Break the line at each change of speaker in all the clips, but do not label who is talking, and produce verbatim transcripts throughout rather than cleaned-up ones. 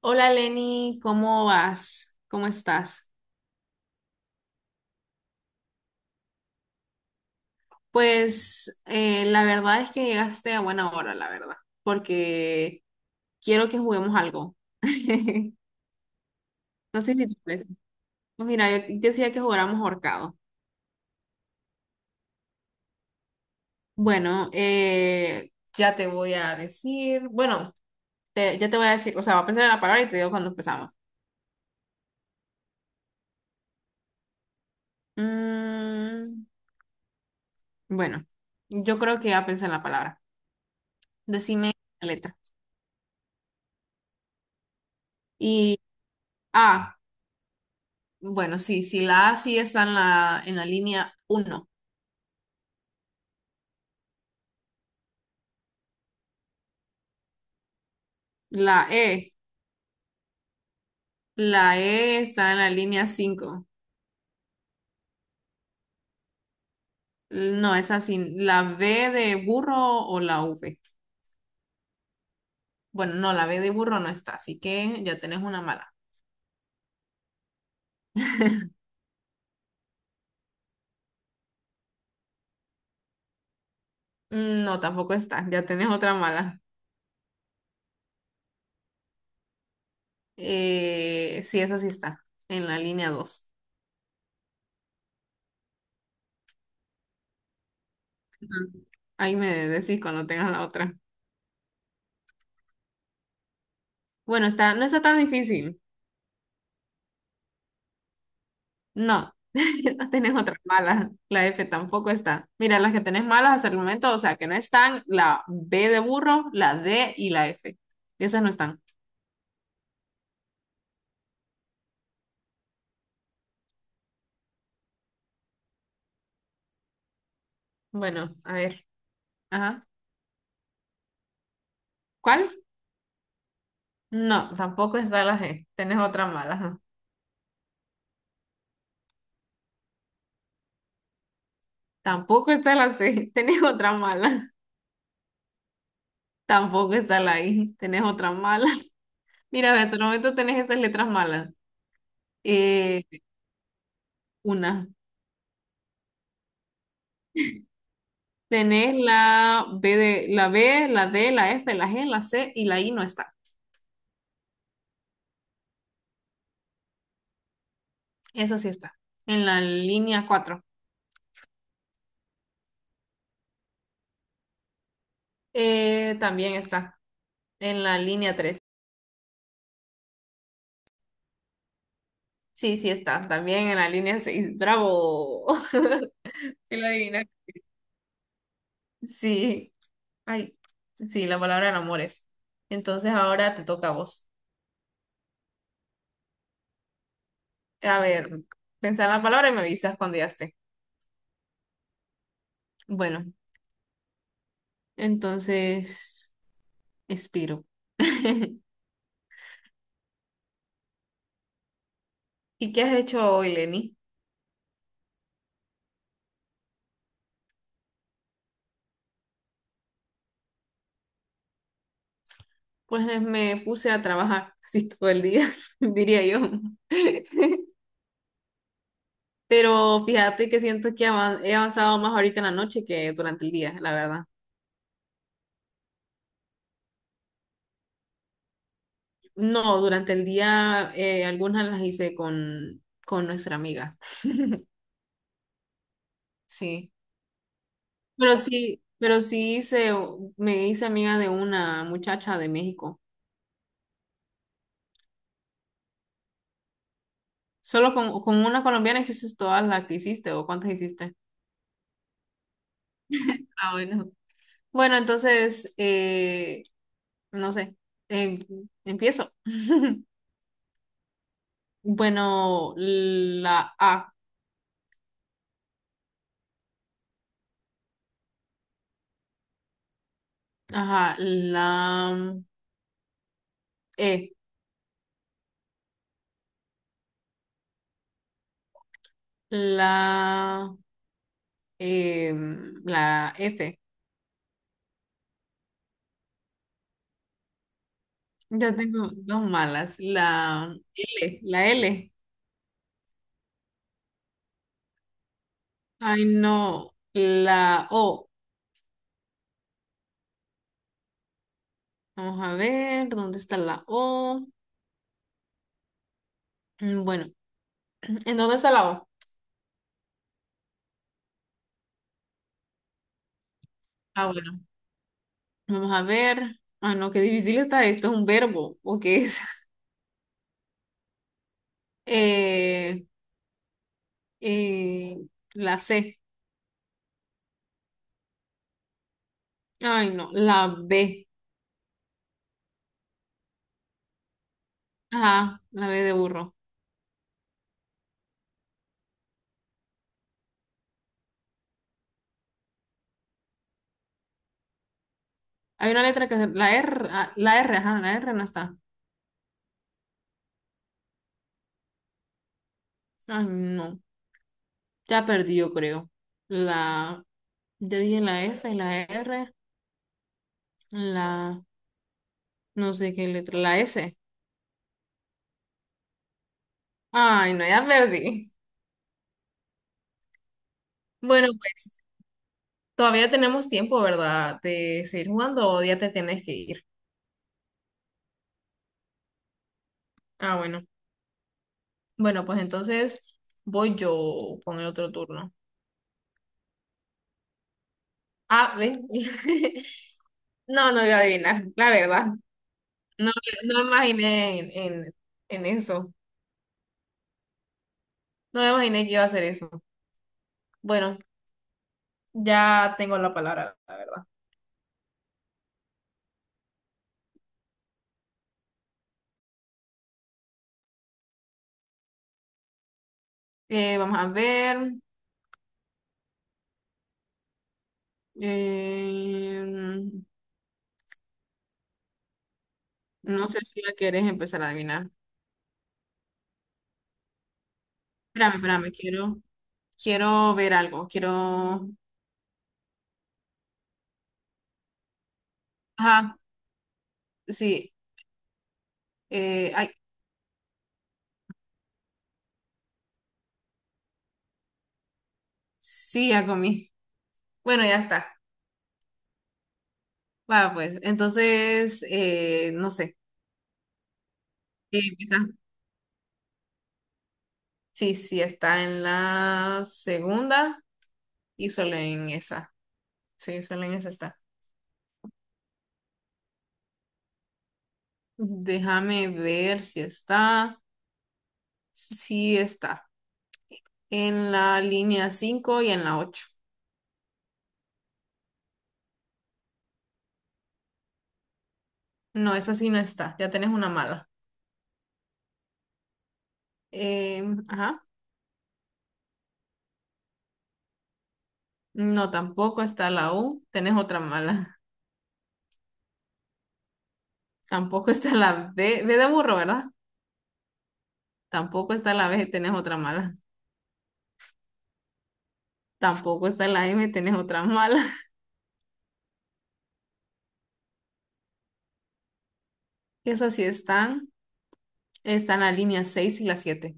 Hola Lenny, ¿cómo vas? ¿Cómo estás? Pues eh, la verdad es que llegaste a buena hora, la verdad, porque quiero que juguemos algo. No sé si te parece. Pues mira, yo decía que jugáramos ahorcado. Bueno, eh, ya te voy a decir, bueno, te- ya te voy a decir, o sea, va a pensar en la palabra y te digo cuando empezamos. Mm, bueno, yo creo que ya pensé en la palabra. Decime la letra. Y A. Bueno, sí, sí, la A sí está en la, en la línea uno. La E, la E está en la línea cinco. No, es así. La B de burro o la V. Bueno, no, la B de burro no está, así que ya tenés una mala. Mm, No, tampoco está, ya tenés otra mala. Eh, sí, esa sí está, en la línea dos. Ujú. Ahí me decís cuando tengas la otra. Bueno, está, no está tan difícil. No, no tenés otras malas. La F tampoco está. Mira, las que tenés malas hasta el momento, o sea, que no están, la B de burro, la D y la F. Esas no están. Bueno, a ver. Ajá. ¿Cuál? No, tampoco está la G. Tenés otra mala. Tampoco está la C. Tenés otra mala. Tampoco está la I. Tenés otra mala. Mira, hasta el momento tenés esas letras malas. Eh, una. Tenés la B de, la B, la D, la F, la G, la C y la I no está. Esa sí está. En la línea cuatro. Eh, también está. En la línea tres. Sí, sí está. También en la línea seis. Bravo. Sí, lo adivinaste. Sí. Ay, sí, la palabra en amores. Entonces ahora te toca a vos. A ver, pensá en la palabra y me avisas cuando ya esté. Bueno, entonces, expiro. ¿Y qué has hecho hoy, Lenny? Pues me puse a trabajar casi todo el día, diría yo. Pero fíjate que siento que avan- he avanzado más ahorita en la noche que durante el día, la verdad. No, durante el día eh, algunas las hice con, con nuestra amiga. Sí. Pero sí, pero sí hice, me hice amiga de una muchacha de México. Solo con, con una colombiana hiciste todas las que hiciste o cuántas hiciste. Ah, bueno. Bueno, entonces, eh, no sé, em- empiezo. Bueno, la A, ajá, la E, la, em, la F. Ya tengo dos malas. La L, la L. Ay, no. La O. Vamos a ver, ¿dónde está la O? Mm, Bueno, ¿en dónde está la O? Ah, bueno, vamos a ver. Ah, no, qué difícil está esto. ¿Es un verbo o qué es? Eh, eh, la C. Ay, no. La B. Ajá, la B de burro. Hay una letra que. La R, ah, la R, ajá, la R no está. Ay, no, ya perdí, yo creo. La, ya dije la F, la R, la, no sé qué letra, la S. Ay, no, ya perdí. Bueno, pues todavía tenemos tiempo, ¿verdad? De seguir jugando o ya te tienes que ir. Ah, bueno. Bueno, pues entonces voy yo con el otro turno. Ah, ¿ves? No, no voy a adivinar, la verdad. No, no me imaginé en, en, en eso. No me imaginé que iba a hacer eso. Bueno, ya tengo la palabra, la verdad. Eh, vamos a ver. eh, no sé si la querés empezar a adivinar. Espérame, espérame, quiero, quiero ver algo. Quiero. Ajá, sí. eh, ay, sí, ya comí. Bueno, ya está. Va, pues. Entonces, eh, no sé. Eh, empieza. Sí, sí, está en la segunda y solo en esa. Sí, solo en esa está. Déjame ver si está. Sí, sí está en la línea cinco y en la ocho. No, esa sí no está, ya tenés una mala. Em, ajá, no, tampoco está la U, tenés otra mala. Tampoco está la B, B de burro, ¿verdad? Tampoco está la B, tenés otra mala. Tampoco está la M, tenés otra mala. Esas sí están, están la línea seis y la siete.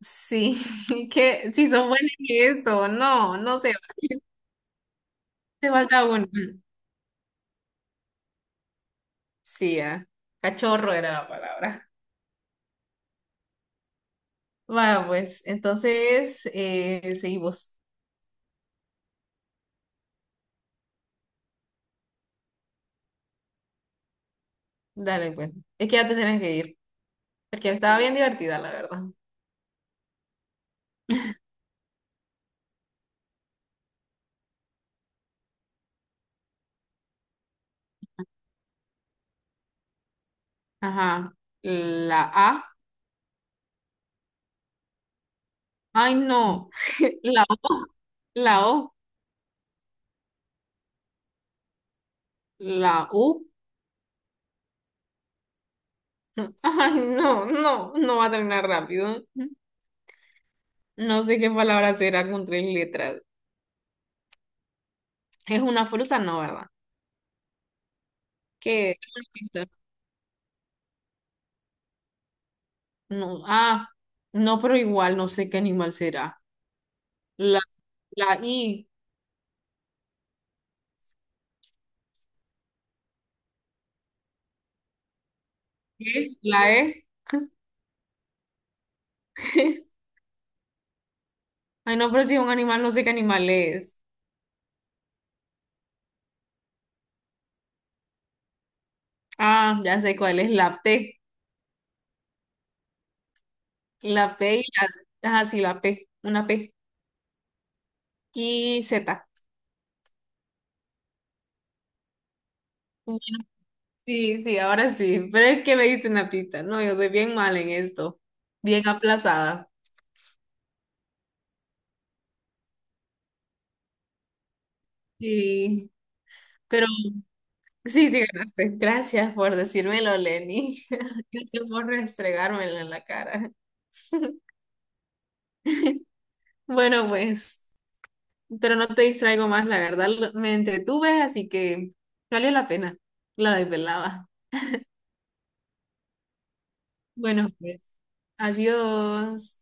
Sí, que si son buenas en esto, no, no sé, te falta una. Sí, ah, Cachorro era la palabra. Va, pues, entonces eh, seguimos. Dale, pues. Es que ya te tienes que ir. Porque estaba bien divertida, la verdad. Ajá. La A. Ay, no. La O. La O. La U. Ay, no, no, no va a terminar rápido. No sé qué palabra será con tres letras. Es una fruta, no, ¿verdad? ¿Qué? Una pista. No. Ah, no, pero igual no sé qué animal será. La, la I. ¿Qué? La E. Ay, no, pero si es un animal, no sé qué animal es. Ah, ya sé cuál es, la P. La P y la. Ajá, sí, la P. Una P. Y Z. Sí, sí, ahora sí. Pero es que me diste una pista. No, yo soy bien mal en esto. Bien aplazada. Sí. Pero sí, sí ganaste. Gracias por decírmelo, Lenny. Gracias por restregármelo en la cara. Bueno, pues, pero no te distraigo más, la verdad. lo- Me entretuve, así que valió la pena. La desvelada. Bueno, pues, adiós.